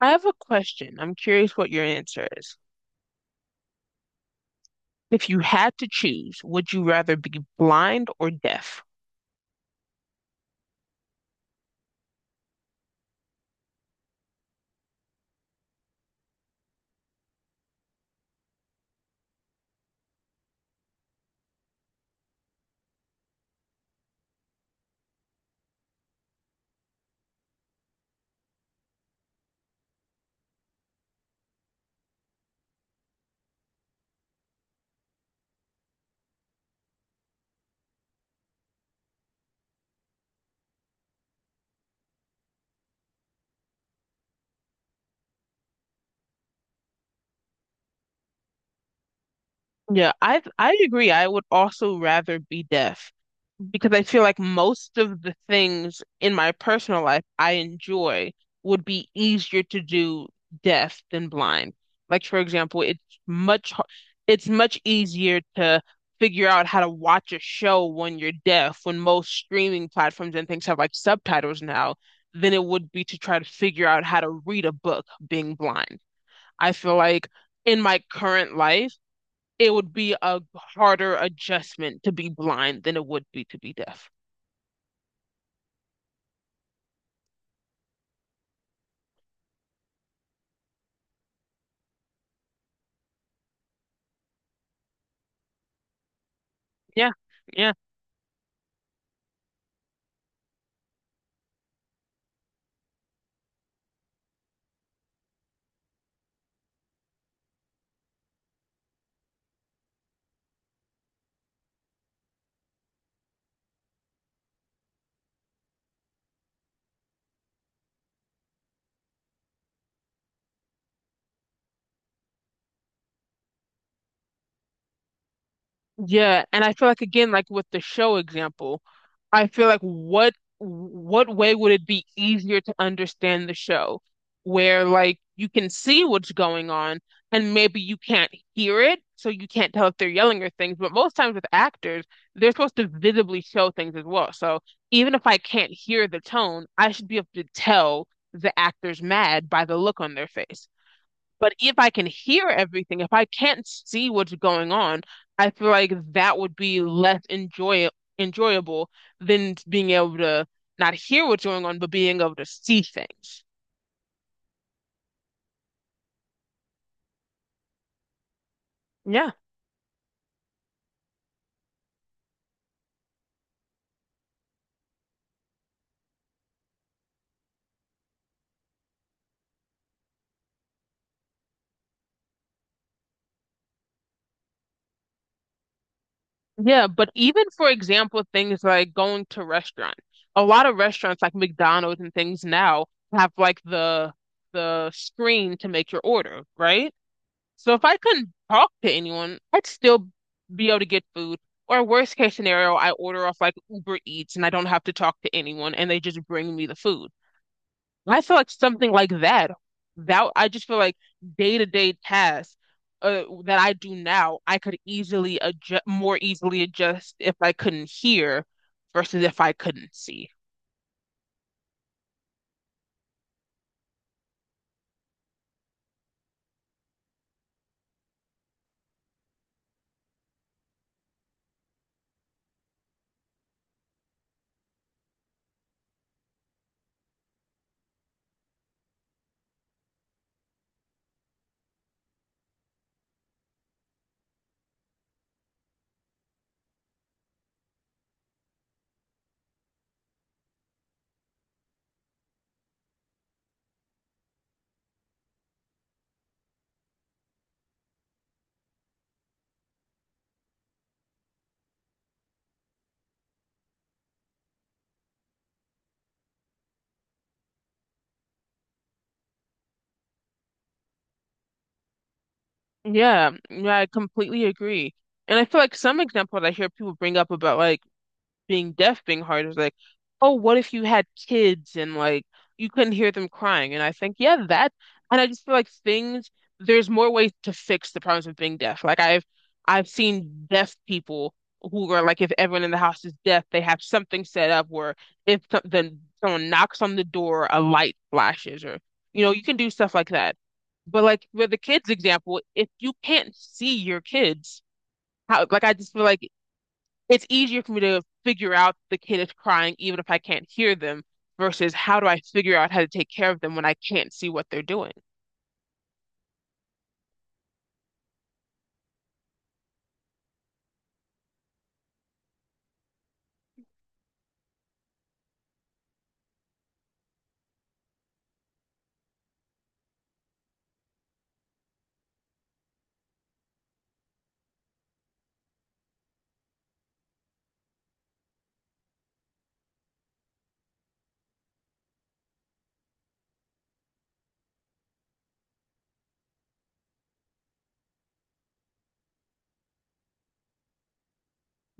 I have a question. I'm curious what your answer is. If you had to choose, would you rather be blind or deaf? Yeah, I agree. I would also rather be deaf because I feel like most of the things in my personal life I enjoy would be easier to do deaf than blind. Like for example, it's much h- it's much easier to figure out how to watch a show when you're deaf, when most streaming platforms and things have like subtitles now, than it would be to try to figure out how to read a book being blind. I feel like in my current life, it would be a harder adjustment to be blind than it would be to be deaf. Yeah, yeah, yeah. And I feel like again, like with the show example, I feel like what way would it be easier to understand the show where like you can see what's going on and maybe you can't hear it, so you can't tell if they're yelling or things, but most times with actors, they're supposed to visibly show things as well. So even if I can't hear the tone, I should be able to tell the actor's mad by the look on their face. But if I can hear everything, if I can't see what's going on, I feel like that would be less enjoy enjoyable than being able to not hear what's going on, but being able to see things. Yeah. Yeah, but even for example, things like going to restaurants. A lot of restaurants like McDonald's and things now have like the screen to make your order, right? So if I couldn't talk to anyone, I'd still be able to get food. Or worst case scenario, I order off like Uber Eats and I don't have to talk to anyone and they just bring me the food. I feel like something like that, that I just feel like day-to-day tasks that I do now, I could more easily adjust if I couldn't hear versus if I couldn't see. Yeah, yeah, I completely agree. And I feel like some example that I hear people bring up about like being deaf being hard is like, oh, what if you had kids and like you couldn't hear them crying? And I think, yeah, that, and I just feel like there's more ways to fix the problems of being deaf. Like I've seen deaf people who are like, if everyone in the house is deaf, they have something set up where if so- then someone knocks on the door, a light flashes, or you know, you can do stuff like that. But like with the kids example, if you can't see your kids, how like I just feel like it's easier for me to figure out the kid is crying even if I can't hear them versus how do I figure out how to take care of them when I can't see what they're doing.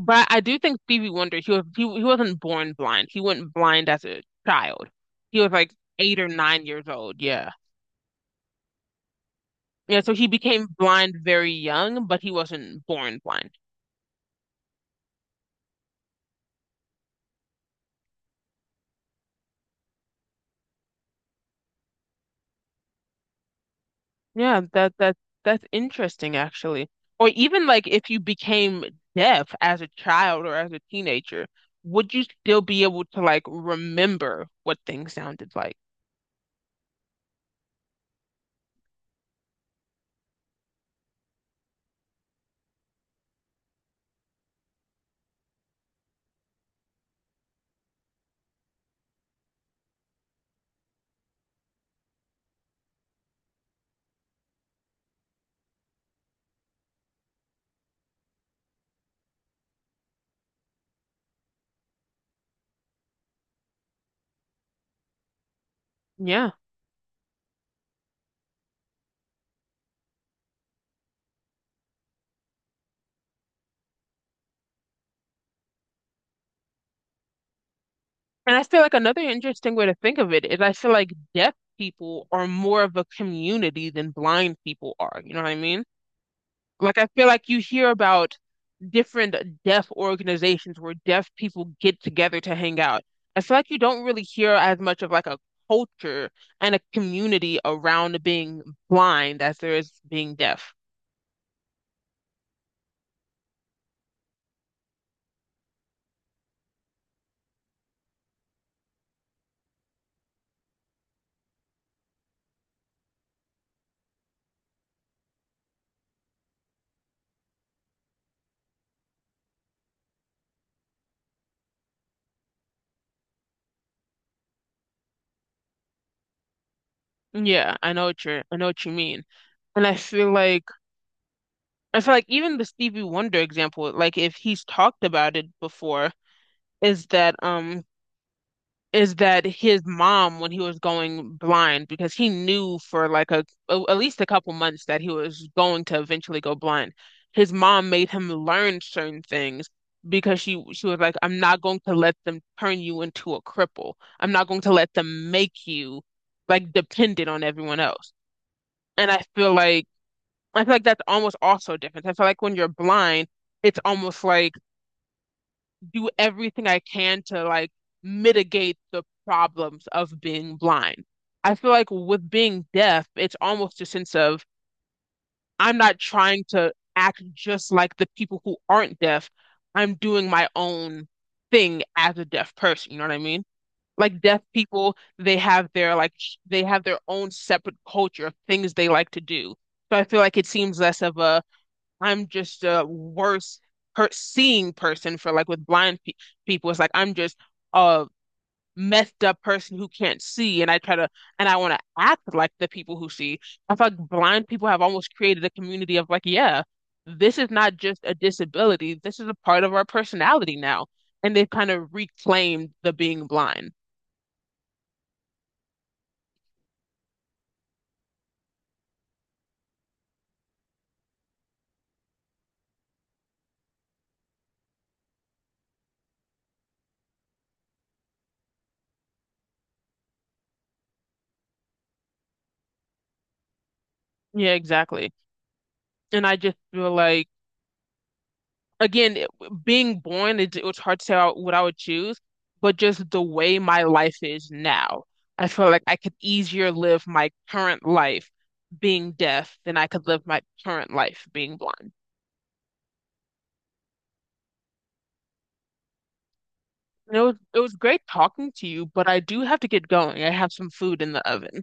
But I do think Stevie Wonder, he wasn't born blind. He wasn't blind as a child. He was like 8 or 9 years old. Yeah. Yeah, so he became blind very young, but he wasn't born blind. Yeah, that's interesting actually. Or even like if you became deaf as a child or as a teenager, would you still be able to like remember what things sounded like? Yeah. And I feel like another interesting way to think of it is I feel like deaf people are more of a community than blind people are. You know what I mean? Like I feel like you hear about different deaf organizations where deaf people get together to hang out. I feel like you don't really hear as much of like a culture and a community around being blind as there is being deaf. Yeah, I know what you mean. And I feel like even the Stevie Wonder example, like if he's talked about it before, is that um is that his mom when he was going blind because he knew for like a at least a couple months that he was going to eventually go blind. His mom made him learn certain things because she was like, I'm not going to let them turn you into a cripple. I'm not going to let them make you like dependent on everyone else. And I feel like that's almost also different. I feel like when you're blind, it's almost like do everything I can to like mitigate the problems of being blind. I feel like with being deaf, it's almost a sense of I'm not trying to act just like the people who aren't deaf. I'm doing my own thing as a deaf person, you know what I mean? Like deaf people, they have they have their own separate culture of things they like to do. So I feel like it seems less of a I'm just a worse person for like with blind pe people. It's like I'm just a messed up person who can't see, and I try to and I want to act like the people who see. I feel like blind people have almost created a community of like, yeah, this is not just a disability. This is a part of our personality now, and they've kind of reclaimed the being blind. Yeah, exactly. And I just feel like, again, being born, it was hard to say what I would choose, but just the way my life is now, I feel like I could easier live my current life being deaf than I could live my current life being blind. And it was great talking to you, but I do have to get going. I have some food in the oven.